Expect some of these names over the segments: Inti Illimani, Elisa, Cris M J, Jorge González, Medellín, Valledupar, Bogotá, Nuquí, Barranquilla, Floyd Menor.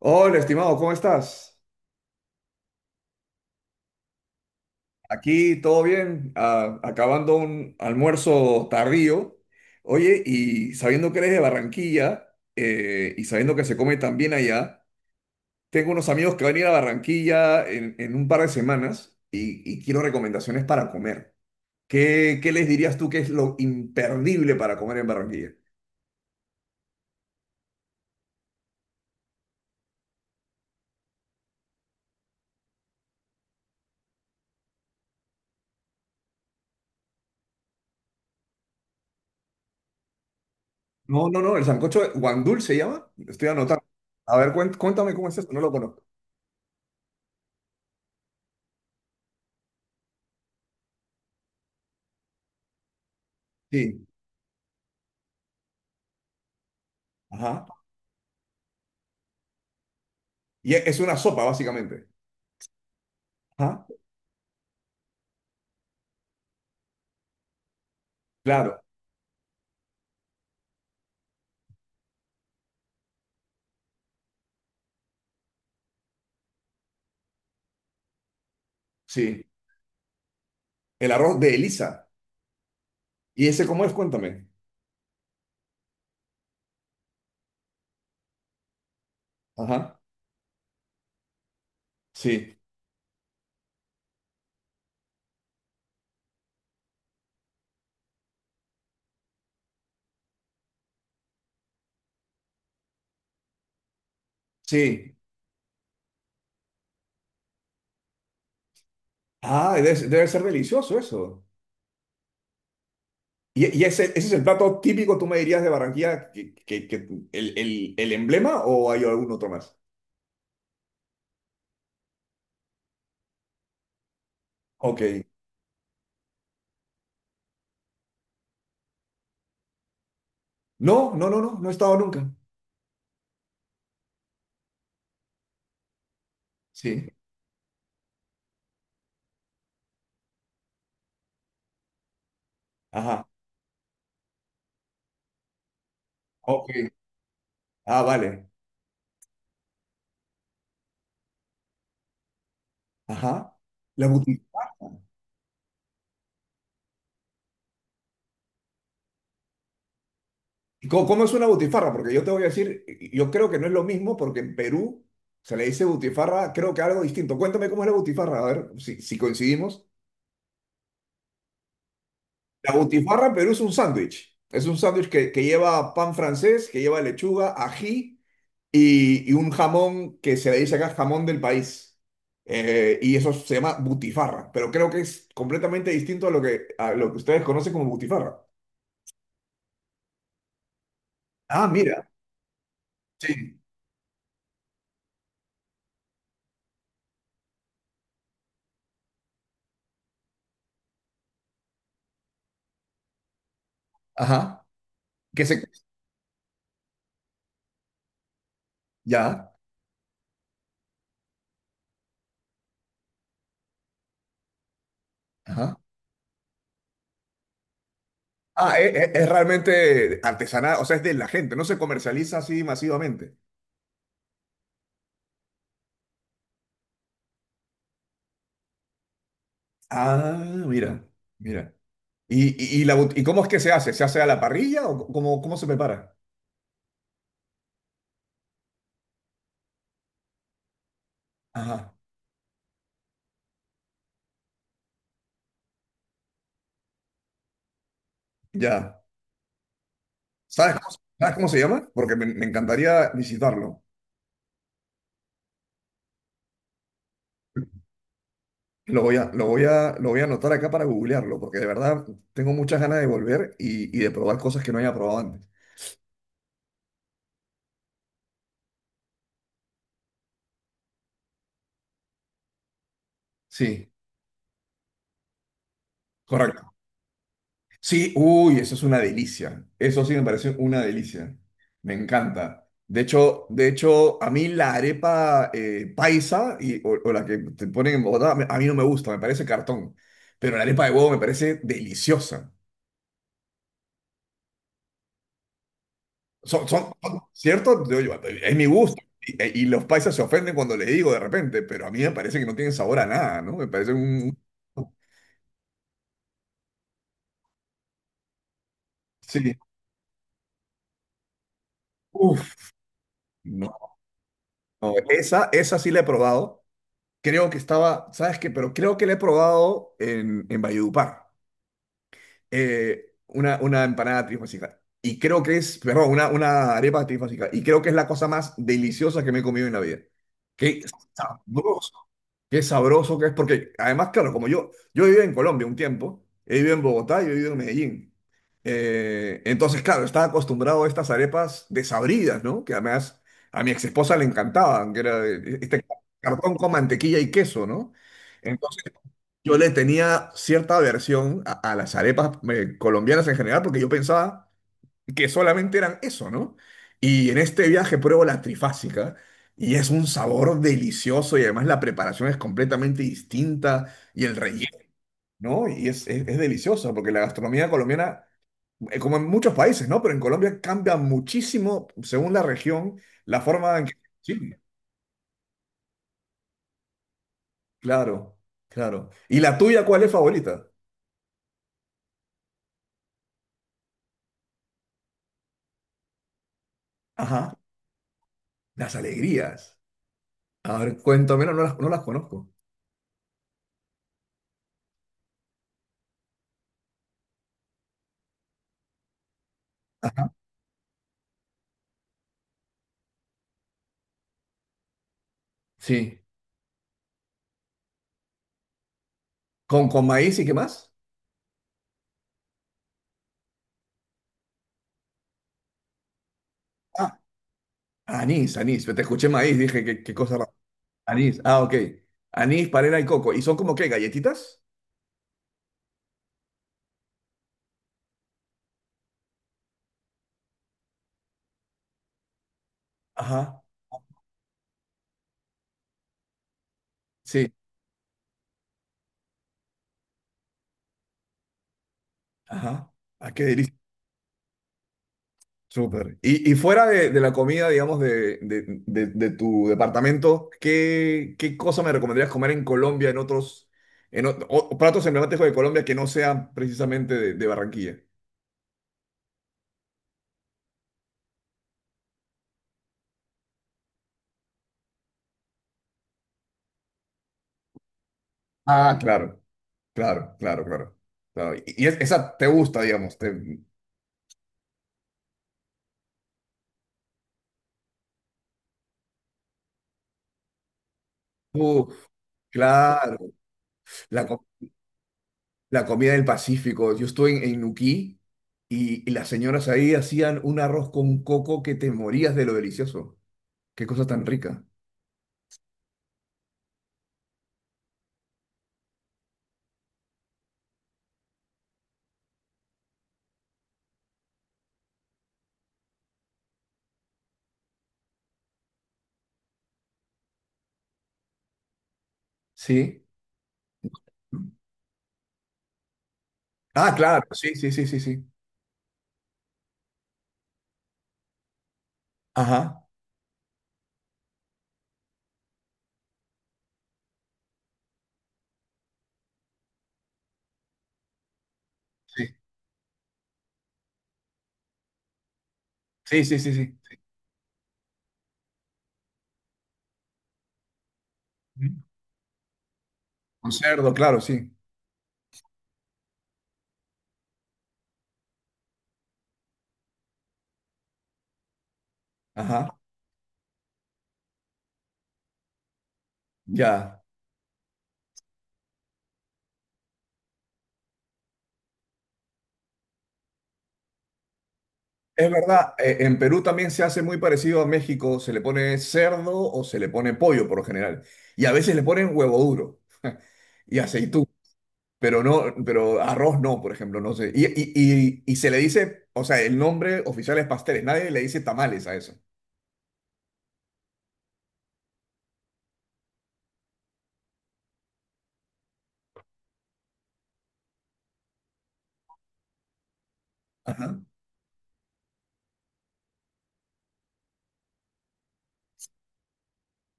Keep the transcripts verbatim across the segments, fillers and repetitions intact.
Hola, estimado, ¿cómo estás? Aquí todo bien. Ah, acabando un almuerzo tardío. Oye, y sabiendo que eres de Barranquilla eh, y sabiendo que se come tan bien allá, tengo unos amigos que van a ir a Barranquilla en, en un par de semanas y, y quiero recomendaciones para comer. ¿Qué, qué les dirías tú que es lo imperdible para comer en Barranquilla? No, no, no, el sancocho de- guandul se llama. Estoy anotando. A ver, cuen- cuéntame cómo es esto, no lo conozco. Sí, ajá. Y es es una sopa, básicamente. Ajá, claro, sí. El arroz de Elisa. ¿Y ese cómo es? Cuéntame. Ajá, sí, sí. Ah, debe, ser debe ser delicioso eso. ¿Y, y ese, ese es el plato típico, tú me dirías, de Barranquilla, que, que- que el, el- el emblema o hay algún otro más? Ok. No, no, no, no, no he estado nunca. Sí. Ajá. Ok. Ah, vale. Ajá. La butifarra. ¿Y ¿Cómo, cómo es una butifarra? Porque yo te voy a decir, yo creo que no es lo mismo porque en Perú se le dice butifarra, creo que algo distinto. Cuéntame cómo es la butifarra, a ver si, si coincidimos. La butifarra en Perú es un sándwich. Es un sándwich que, que lleva pan francés, que lleva lechuga, ají y, y un jamón que se le dice acá jamón del país. Eh, y eso se llama butifarra, pero creo que es completamente distinto a lo que, a lo que ustedes conocen como butifarra. Ah, mira. Sí. Ajá. Que se... Ya. Ajá. Ah, es e- es realmente artesanal, o sea, es de la gente, no se comercializa así masivamente. Ah, mira, mira. ¿Y, y, y la bot- ¿y cómo es que se hace? ¿Se hace a la parrilla o cómo, cómo se prepara? Ajá, ya. ¿Sabes cómo, sabes cómo se llama? Porque me, me encantaría visitarlo. Lo voy a, lo voy a, lo voy a anotar acá para googlearlo, porque de verdad tengo muchas ganas de volver y, y de probar cosas que no haya probado antes. Sí, correcto. Sí, uy, eso es una delicia. Eso sí me parece una delicia. Me encanta. De hecho, de hecho, a mí la arepa eh, paisa y, o, o la que te ponen en Bogotá, me- a mí no me gusta, me parece cartón. Pero la arepa de huevo me parece deliciosa. Son, son, son- ¿cierto? Yo- yo- es mi gusto. Y, e, y los paisas se ofenden cuando le digo de repente, pero a mí me parece que no tienen sabor a nada, ¿no? Me parece un... Sí. Uf, no. No, esa, esa sí la he probado. Creo que estaba, ¿sabes qué? Pero creo que la he probado en, en Valledupar. Eh, una, una empanada trifásica. Y creo que es, perdón, una, una arepa trifásica. Y creo que es la cosa más deliciosa que me he comido en la vida. Qué sabroso. Qué sabroso que es, porque además, claro, como yo, yo viví en Colombia un tiempo, he vivido en Bogotá y he vivido en Medellín. Eh, entonces, claro, estaba acostumbrado a estas arepas desabridas, ¿no? Que además a mi ex esposa le encantaban, que era eh, este cartón con mantequilla y queso, ¿no? Entonces, yo le tenía cierta aversión a, a las arepas eh, colombianas en general, porque yo pensaba que solamente eran eso, ¿no? Y en este viaje pruebo la trifásica y es un sabor delicioso y además la preparación es completamente distinta y el relleno, ¿no? Y es, es, es delicioso porque la gastronomía colombiana, eh, como en muchos países, ¿no? Pero en Colombia cambia muchísimo según la región, la forma en que... Sí, claro, claro. ¿Y la tuya cuál es favorita? Ajá, las alegrías. A ver, cuéntame, no, no las, no las conozco. Sí. ¿Con, con maíz y qué más? Anís, anís. Te escuché maíz, dije, qué, qué cosa rara. Anís, ah, ok. Anís, panela y coco. ¿Y son como qué, galletitas? Ajá, sí, ajá. Ah, qué delicia. Súper. Y, y fuera de, de la comida, digamos, de, de- de- de tu departamento, ¿qué, qué cosa me recomendarías comer en Colombia, en otros, en ot- o- platos emblemáticos de Colombia que no sean precisamente de, de Barranquilla? Ah, claro, claro, claro, claro, claro. Y, y es- esa te gusta, digamos. Te, uf, claro. La la comida del Pacífico. Yo estuve en, en Nuquí y, y las señoras ahí hacían un arroz con coco que te morías de lo delicioso. Qué cosa tan rica. Sí. Ah, claro, sí, sí, sí, sí, sí. Ajá. Sí, sí, sí, sí, sí. Ujú. Con cerdo, claro, sí. Ajá. Ya. Es verdad, eh, en Perú también se hace muy parecido a México. Se le pone cerdo o se le pone pollo por lo general. Y a veces le ponen huevo duro y aceitú. Pero no, pero arroz no, por ejemplo, no sé. Y, y, y, y se le dice, o sea, el nombre oficial es pasteles, nadie le dice tamales a eso. Ajá.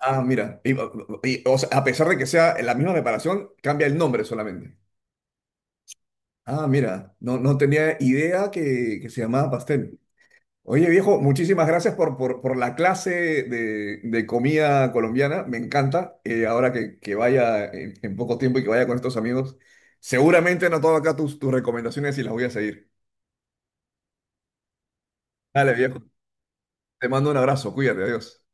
Ah, mira. Y- y- o sea, a pesar de que sea la misma preparación, cambia el nombre solamente. Ah, mira, no, no tenía idea que, que se llamaba pastel. Oye, viejo, muchísimas gracias por, por, por la clase de, de comida colombiana. Me encanta. Eh, ahora que, que vaya en, en poco tiempo y que vaya con estos amigos, seguramente no tomo acá tus, tus recomendaciones y las voy a seguir. Dale, viejo. Te mando un abrazo, cuídate, adiós.